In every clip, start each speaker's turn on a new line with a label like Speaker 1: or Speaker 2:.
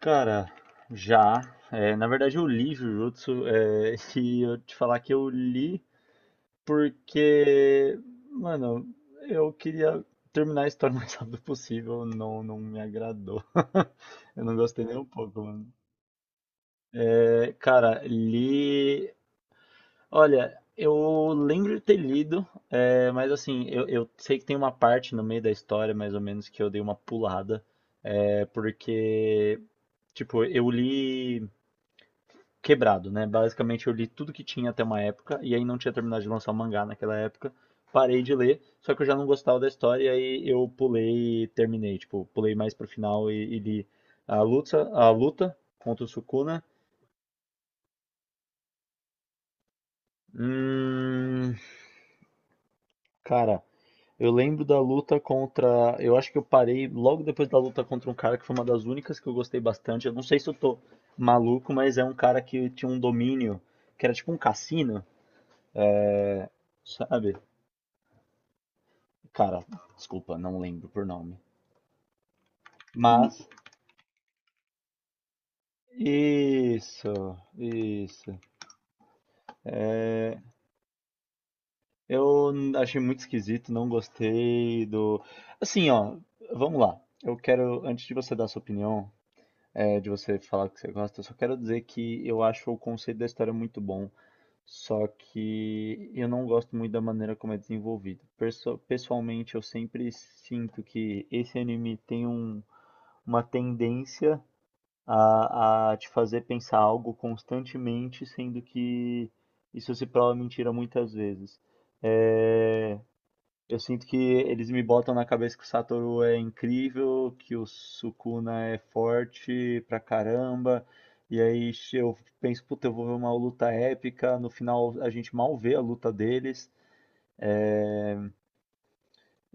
Speaker 1: Cara, já. É, na verdade, eu li Jujutsu, é, e eu te falar que eu li porque, mano, eu queria terminar a história o mais rápido possível, não me agradou. Eu não gostei nem um pouco, mano. É, cara, li. Olha, eu lembro de ter lido, é, mas assim, eu sei que tem uma parte no meio da história, mais ou menos, que eu dei uma pulada, é, porque, tipo, eu li. Quebrado, né? Basicamente eu li tudo que tinha até uma época, e aí não tinha terminado de lançar o mangá naquela época. Parei de ler, só que eu já não gostava da história, e aí eu pulei e terminei. Tipo, pulei mais pro final e li a luta contra o Sukuna. Hum, cara, eu lembro da luta contra. Eu acho que eu parei logo depois da luta contra um cara que foi uma das únicas que eu gostei bastante. Eu não sei se eu tô maluco, mas é um cara que tinha um domínio, que era tipo um cassino, é, sabe? Cara, desculpa, não lembro por nome. Mas, isso, isso. Eu achei muito esquisito, não gostei do. Assim, ó, vamos lá. Eu quero, antes de você dar sua opinião, é, de você falar o que você gosta, eu só quero dizer que eu acho o conceito da história muito bom, só que eu não gosto muito da maneira como é desenvolvido. Pessoalmente, eu sempre sinto que esse anime tem um, uma tendência a te fazer pensar algo constantemente, sendo que isso se prova mentira muitas vezes. É, eu sinto que eles me botam na cabeça que o Satoru é incrível, que o Sukuna é forte pra caramba, e aí eu penso, puta, eu vou ver uma luta épica, no final a gente mal vê a luta deles,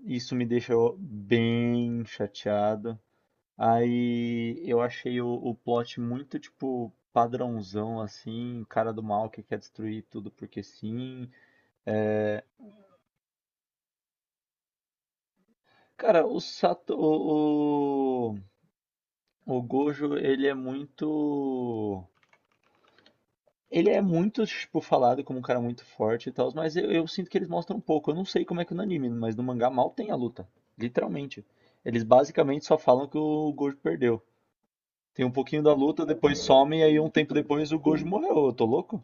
Speaker 1: isso me deixa bem chateado. Aí eu achei o plot muito, tipo, padrãozão, assim, cara do mal que quer destruir tudo porque sim. Cara, o o, Gojo, ele é muito... Ele é muito, tipo, falado como um cara muito forte e tal, mas eu sinto que eles mostram um pouco. Eu não sei como é que no anime, mas no mangá mal tem a luta, literalmente. Eles basicamente só falam que o Gojo perdeu. Tem um pouquinho da luta, depois some, e aí um tempo depois o Gojo morreu. Eu tô louco?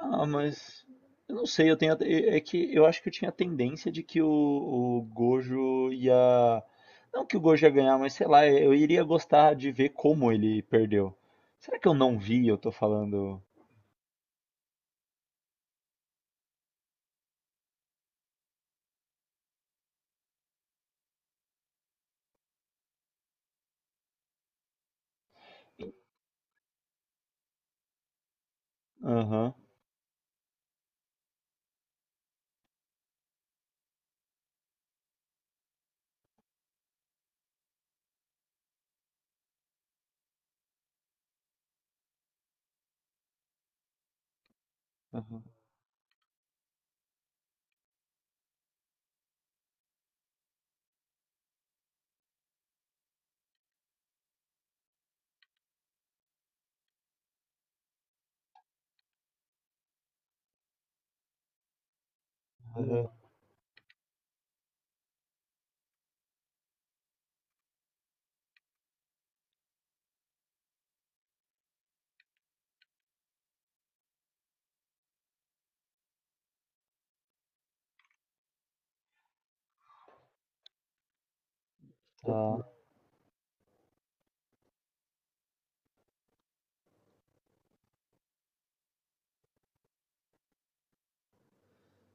Speaker 1: Ah, mas eu não sei, eu tenho é que eu acho que eu tinha a tendência de que o Gojo ia não que o Gojo ia ganhar, mas sei lá, eu iria gostar de ver como ele perdeu. Será que eu não vi? Eu tô falando. Aham. Aham. Aham, tá.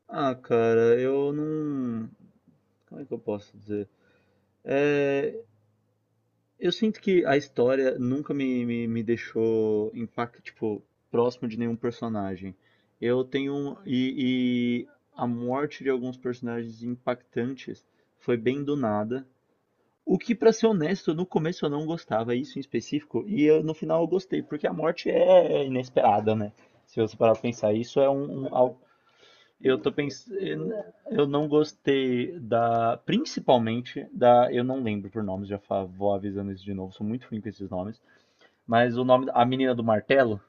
Speaker 1: Ah, cara, eu não. Como é que eu posso dizer? Eu sinto que a história nunca me deixou impacto tipo, próximo de nenhum personagem. Eu tenho um, e a morte de alguns personagens impactantes foi bem do nada. O que, pra ser honesto, no começo eu não gostava, isso em específico, no final eu gostei, porque a morte é inesperada, né? Se você parar pra pensar, isso é um, eu tô pensando, eu não gostei da, principalmente da, eu não lembro por nomes, vou avisando isso de novo, sou muito ruim com esses nomes, mas o nome, a menina do martelo,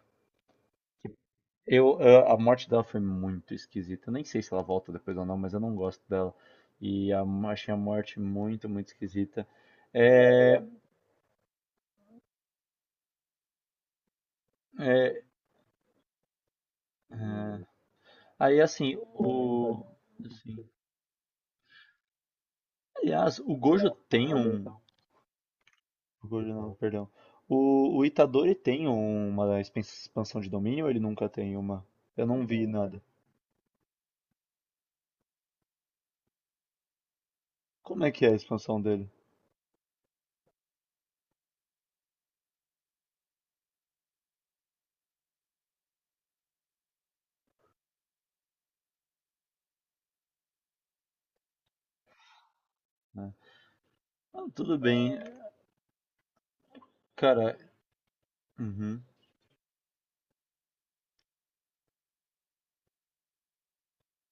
Speaker 1: eu, a morte dela foi muito esquisita, eu nem sei se ela volta depois ou não, mas eu não gosto dela, e a- achei a morte muito, muito esquisita, é, é, aí assim, o, assim, aliás, o Gojo tem um, o Gordo não, perdão. O Itadori tem uma expansão de domínio ou ele nunca tem uma? Eu não vi nada. Como é que é a expansão dele? Né? Ah, tudo bem. Cara, uhum.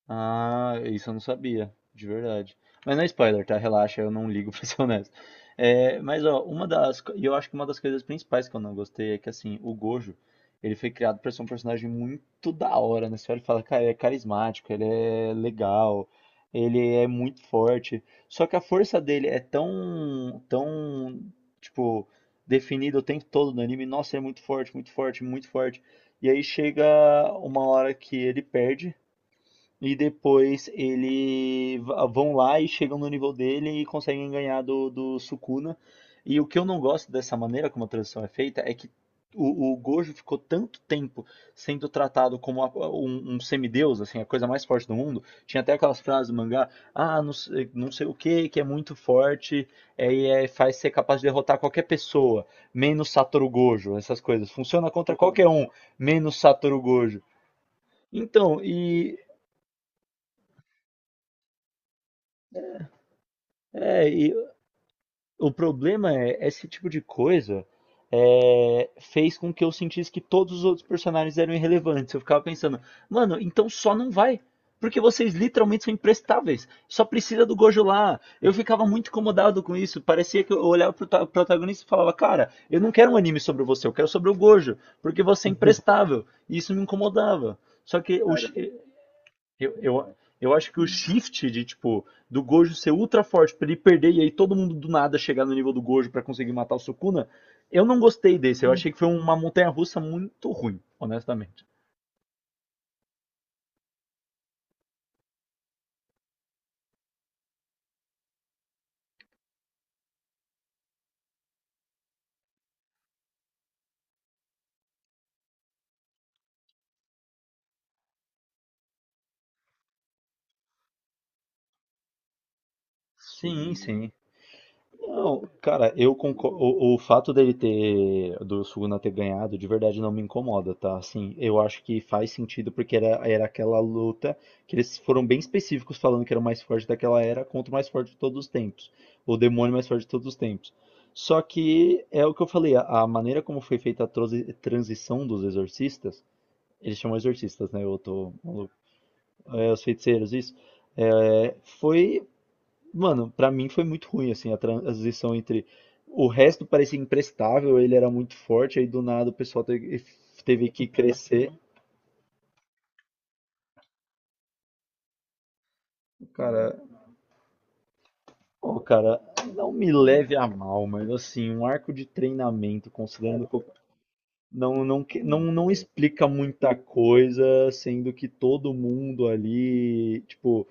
Speaker 1: Ah, isso eu não sabia, de verdade. Mas não é spoiler, tá? Relaxa, eu não ligo pra ser honesto. É, mas ó, uma das, e eu acho que uma das coisas principais que eu não gostei é que assim, o Gojo, ele foi criado pra ser um personagem muito da hora, né? Você olha e fala, cara, ele é carismático, ele é legal, ele é muito forte. Só que a força dele é tão, tipo, definida o tempo todo no anime. Nossa, ele é muito forte, muito forte, muito forte. E aí chega uma hora que ele perde e depois ele vão lá e chegam no nível dele e conseguem ganhar do, do Sukuna. E o que eu não gosto dessa maneira como a transição é feita é que o Gojo ficou tanto tempo sendo tratado como um semideus, assim, a coisa mais forte do mundo. Tinha até aquelas frases do mangá, ah, não, não sei o que, que é muito forte, é, faz ser capaz de derrotar qualquer pessoa, menos Satoru Gojo, essas coisas. Funciona contra qualquer um, menos Satoru Gojo. Então, e é, e o problema é, esse tipo de coisa é, fez com que eu sentisse que todos os outros personagens eram irrelevantes. Eu ficava pensando, mano, então só não vai. Porque vocês literalmente são imprestáveis. Só precisa do Gojo lá. Eu ficava muito incomodado com isso. Parecia que eu olhava pro protagonista e falava, cara, eu não quero um anime sobre você, eu quero sobre o Gojo. Porque você é imprestável. E isso me incomodava. Só que o, cara, eu, eu, eu acho que o shift de, tipo, do Gojo ser ultra forte pra ele perder e aí todo mundo do nada chegar no nível do Gojo pra conseguir matar o Sukuna, eu não gostei desse. Eu achei que foi uma montanha-russa muito ruim, honestamente. Sim, sim. Não, cara, eu concordo. O fato dele ter, do Suguna ter ganhado, de verdade não me incomoda, tá? Assim, eu acho que faz sentido porque era aquela luta que eles foram bem específicos falando que era o mais forte daquela era contra o mais forte de todos os tempos. O demônio mais forte de todos os tempos. Só que é o que eu falei, a maneira como foi feita a transição dos exorcistas, eles chamam exorcistas, né? Eu tô maluco. É, os feiticeiros, isso. É, foi mano, pra mim foi muito ruim, assim, a transição entre. O resto parecia imprestável, ele era muito forte, aí do nada o pessoal teve que crescer. Cara, ô, cara, não me leve a mal, mas assim, um arco de treinamento, considerando que não, não explica muita coisa, sendo que todo mundo ali, tipo.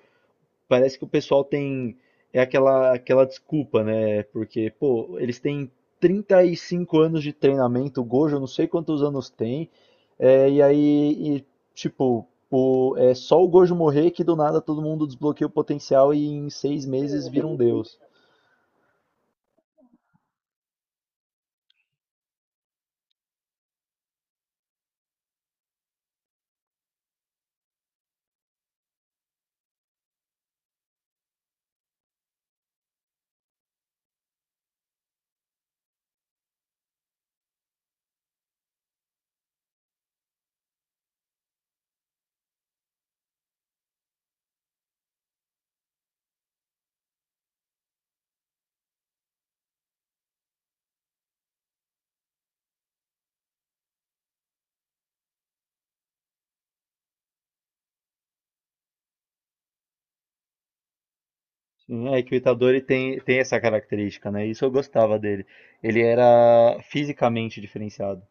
Speaker 1: Parece que o pessoal tem é aquela desculpa, né? Porque, pô, eles têm 35 anos de treinamento, o Gojo eu não sei quantos anos tem, é, e aí, e, tipo, o, é só o Gojo morrer que do nada todo mundo desbloqueia o potencial e em 6 meses vira um deus. Sim, é que o Itadori tem, tem essa característica, né? Isso eu gostava dele. Ele era fisicamente diferenciado.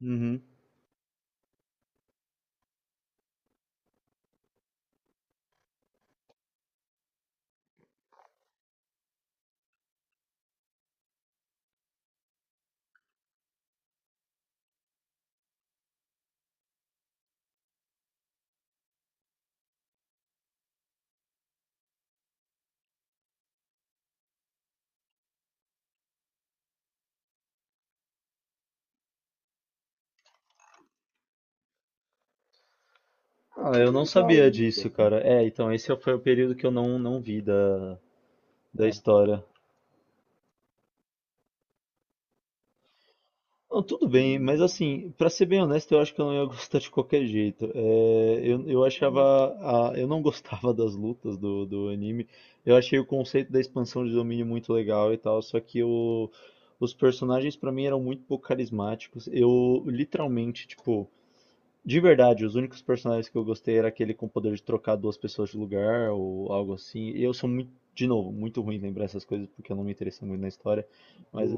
Speaker 1: Uhum. Ah, eu não sabia disso, cara. É, então esse foi o período que eu não vi da, da história. Não, tudo bem, mas assim, pra ser bem honesto, eu acho que eu não ia gostar de qualquer jeito. É, eu achava, eu não gostava das lutas do, do anime. Eu achei o conceito da expansão de domínio muito legal e tal, só que o, os personagens pra mim eram muito pouco carismáticos. Eu literalmente, tipo, de verdade, os únicos personagens que eu gostei era aquele com o poder de trocar duas pessoas de lugar ou algo assim. Eu sou muito, de novo, muito ruim em lembrar essas coisas porque eu não me interessei muito na história. Mas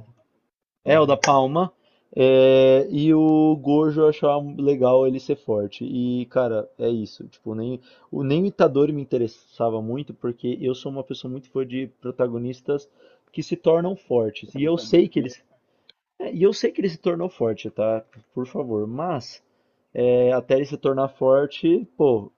Speaker 1: é, o da Palma. É, e o Gojo eu achava legal ele ser forte. E, cara, é isso. Tipo, nem, o, nem o Itadori me interessava muito, porque eu sou uma pessoa muito fã de protagonistas que se tornam fortes. E eu sei que eles, é, e eu sei que ele se tornou forte, tá? Por favor. Mas, é, até ele se tornar forte, pô.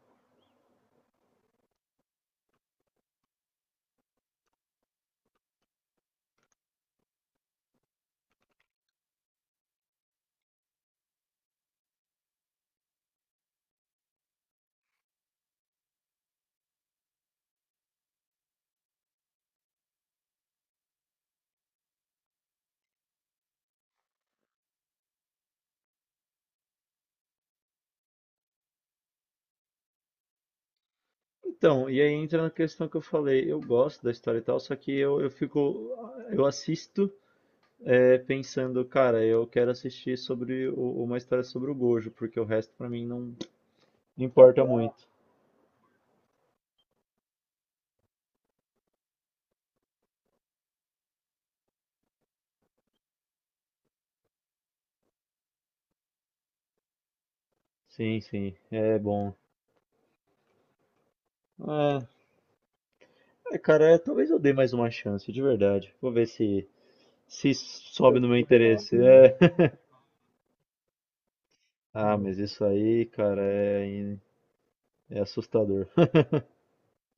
Speaker 1: Então, e aí entra na questão que eu falei. Eu gosto da história e tal, só que eu fico. Eu assisto. É, pensando, cara, eu quero assistir sobre uma história sobre o Gojo, porque o resto pra mim não importa muito. Sim, sim, é bom. Ah, é, cara, é, talvez eu dê mais uma chance, de verdade. Vou ver se se sobe no meu interesse. É. Ah, mas isso aí, cara, é, é assustador.